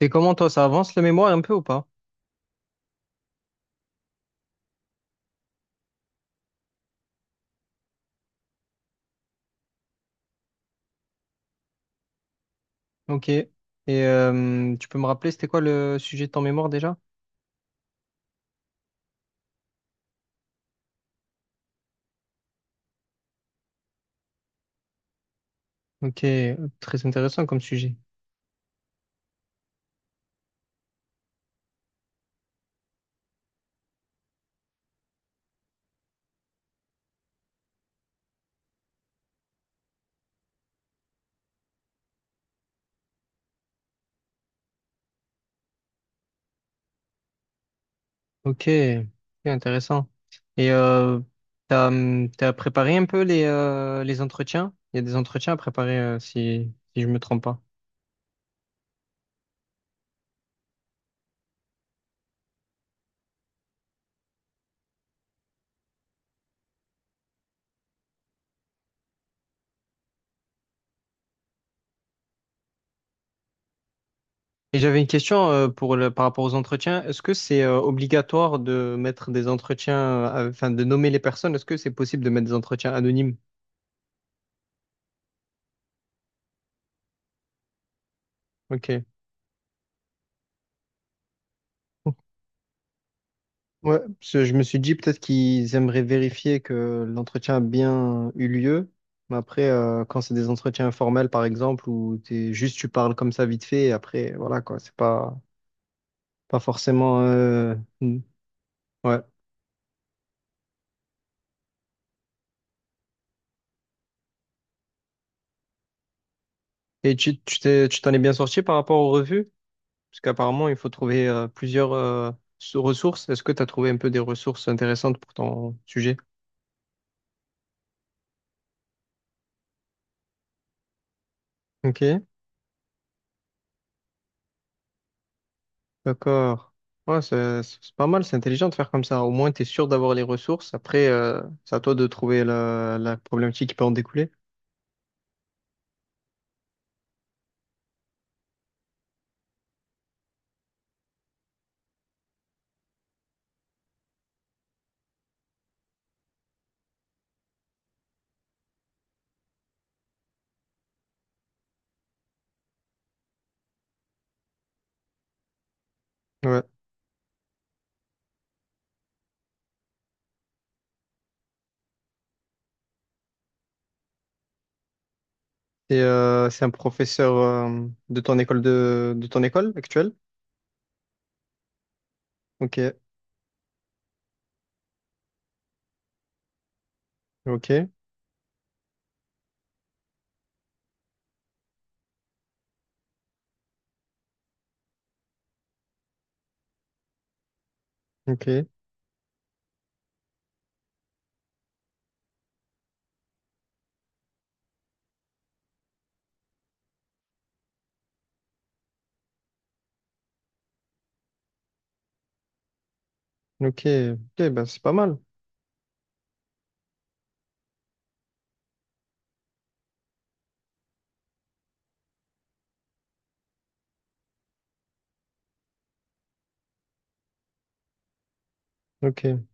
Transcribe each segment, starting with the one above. Et comment toi, ça avance le mémoire un peu ou pas? Ok. Et tu peux me rappeler, c'était quoi le sujet de ton mémoire déjà? Ok, très intéressant comme sujet. Ok, ok, intéressant. Et t'as préparé un peu les entretiens? Il y a des entretiens à préparer si je me trompe pas. Et j'avais une question pour par rapport aux entretiens. Est-ce que c'est obligatoire de mettre des entretiens, enfin de nommer les personnes? Est-ce que c'est possible de mettre des entretiens anonymes? Ok. Ouais, parce que je me suis dit peut-être qu'ils aimeraient vérifier que l'entretien a bien eu lieu. Mais après, quand c'est des entretiens informels, par exemple, où t'es juste tu parles comme ça vite fait, et après, voilà quoi, c'est pas forcément. Mm, ouais. Et tu tu t'en es bien sorti par rapport aux revues? Parce qu'apparemment, il faut trouver plusieurs ressources. Est-ce que tu as trouvé un peu des ressources intéressantes pour ton sujet? Ok. D'accord. Ouais, c'est pas mal, c'est intelligent de faire comme ça. Au moins, tu es sûr d'avoir les ressources. Après, c'est à toi de trouver la problématique qui peut en découler. Ouais. Et c'est un professeur de ton école de ton école actuelle? Ok, ok, ok, ok, ok, ben c'est pas mal. Ok.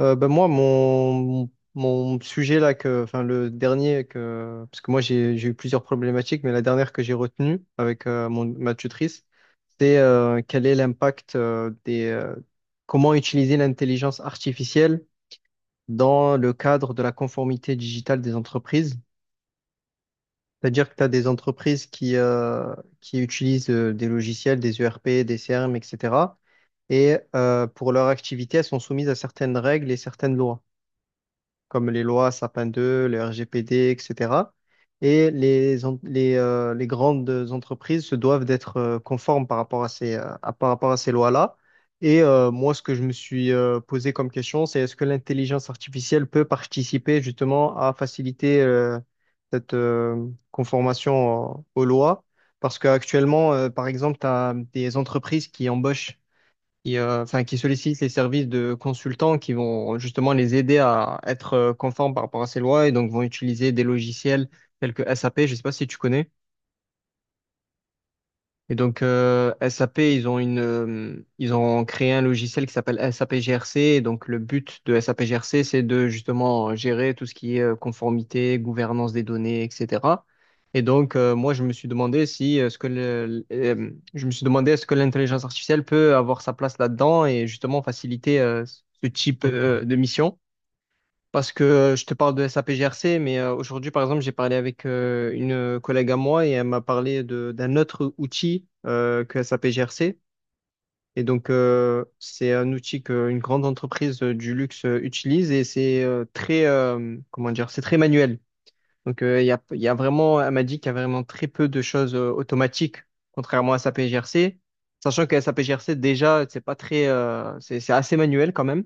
Ben moi, mon sujet là, que, enfin le dernier que, parce que moi j'ai eu plusieurs problématiques, mais la dernière que j'ai retenue avec ma tutrice, c'est quel est l'impact comment utiliser l'intelligence artificielle dans le cadre de la conformité digitale des entreprises. C'est-à-dire que tu as des entreprises qui utilisent des logiciels, des ERP, des CRM, etc. Et cetera. Et pour leur activité, elles sont soumises à certaines règles et certaines lois, comme les lois Sapin 2, le RGPD, etc. Et cetera. Et les grandes entreprises se doivent d'être conformes par rapport à ces lois-là. Et moi, ce que je me suis posé comme question, c'est est-ce que l'intelligence artificielle peut participer justement à faciliter cette conformation aux lois? Parce qu'actuellement, par exemple, tu as des entreprises enfin, qui sollicitent les services de consultants qui vont justement les aider à être conformes par rapport à ces lois et donc vont utiliser des logiciels tels que SAP, je ne sais pas si tu connais. Et donc, SAP, ils ont ils ont créé un logiciel qui s'appelle SAP GRC. Et donc, le but de SAP GRC, c'est de justement gérer tout ce qui est conformité, gouvernance des données, etc. Et donc, moi, je me suis demandé si, ce que le, je me suis demandé est-ce que l'intelligence artificielle peut avoir sa place là-dedans et justement faciliter ce type de mission. Parce que je te parle de SAPGRC, mais aujourd'hui, par exemple, j'ai parlé avec une collègue à moi et elle m'a parlé d'un autre outil que SAPGRC. Et donc, c'est un outil qu'une grande entreprise du luxe utilise et c'est très manuel. Donc, il y a vraiment, elle m'a dit qu'il y a vraiment très peu de choses automatiques, contrairement à SAPGRC. Sachant que SAPGRC, déjà, c'est pas très, c'est assez manuel quand même.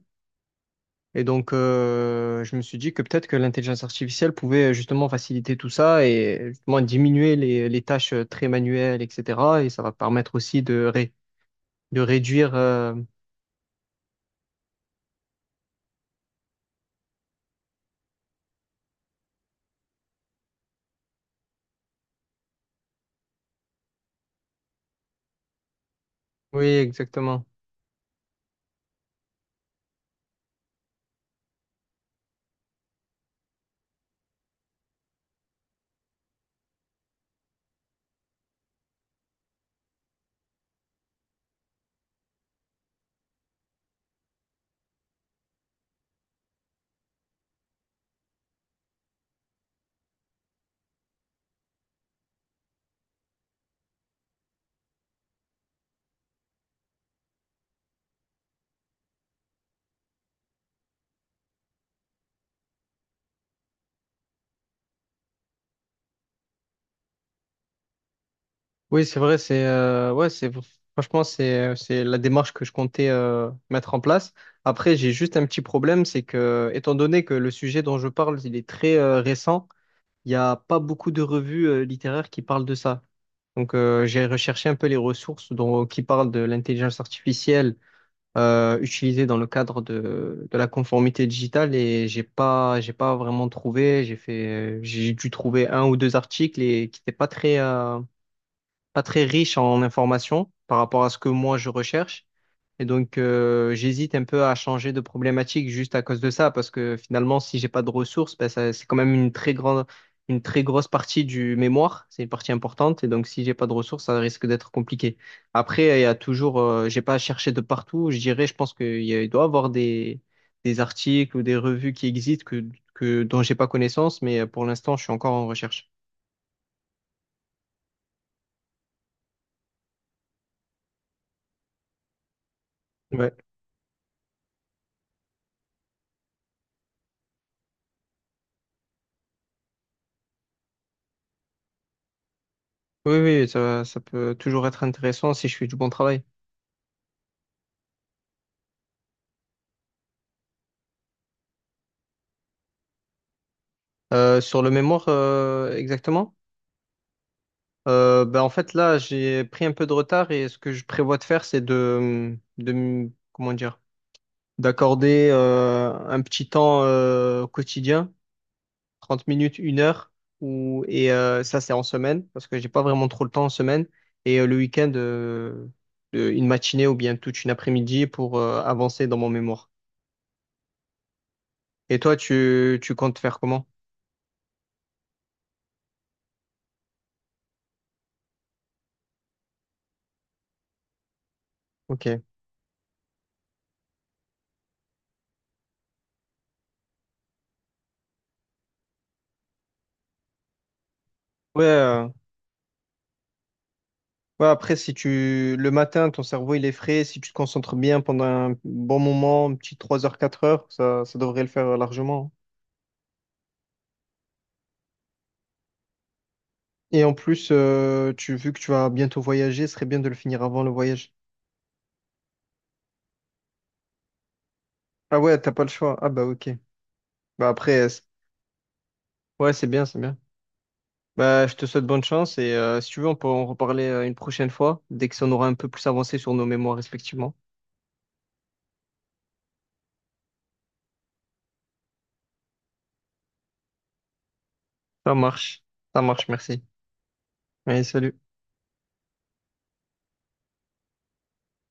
Et donc, je me suis dit que peut-être que l'intelligence artificielle pouvait justement faciliter tout ça et justement diminuer les tâches très manuelles, etc. Et ça va permettre aussi de réduire. Oui, exactement. Oui, c'est vrai. C'est ouais, c'est franchement, c'est la démarche que je comptais mettre en place. Après, j'ai juste un petit problème, c'est que étant donné que le sujet dont je parle, il est très récent, il n'y a pas beaucoup de revues littéraires qui parlent de ça. Donc, j'ai recherché un peu les ressources qui parlent de l'intelligence artificielle utilisée dans le cadre de la conformité digitale et j'ai pas vraiment trouvé. J'ai dû trouver un ou deux articles et qui n'étaient pas très, pas très riches en informations par rapport à ce que moi je recherche. Et donc, j'hésite un peu à changer de problématique juste à cause de ça, parce que finalement, si j'ai pas de ressources, ben, c'est quand même une très grosse partie du mémoire. C'est une partie importante. Et donc, si j'ai pas de ressources, ça risque d'être compliqué. Après, il y a toujours, j'ai pas cherché de partout. Je dirais, je pense qu'il doit y avoir des articles ou des revues qui existent dont j'ai pas connaissance, mais pour l'instant, je suis encore en recherche. Ouais. Oui, oui, ça peut toujours être intéressant si je fais du bon travail. Sur le mémoire, exactement? Ben, en fait, là, j'ai pris un peu de retard et ce que je prévois de faire, c'est comment dire, d'accorder un petit temps quotidien, 30 minutes, 1 heure, et ça, c'est en semaine, parce que j'ai pas vraiment trop le temps en semaine, et le week-end, une matinée ou bien toute une après-midi pour avancer dans mon mémoire. Et toi, tu comptes faire comment? Ok. Ouais, ouais, après, si tu le matin, ton cerveau il est frais, si tu te concentres bien pendant un bon moment, un petit 3 heures, 4 heures, ça devrait le faire largement. Et en plus, vu que tu vas bientôt voyager, ce serait bien de le finir avant le voyage. Ah ouais, t'as pas le choix. Ah bah ok. Bah après, ouais, c'est bien, c'est bien. Bah je te souhaite bonne chance et si tu veux, on peut en reparler une prochaine fois, dès que ça on aura un peu plus avancé sur nos mémoires respectivement. Ça marche. Ça marche, merci. Allez, salut.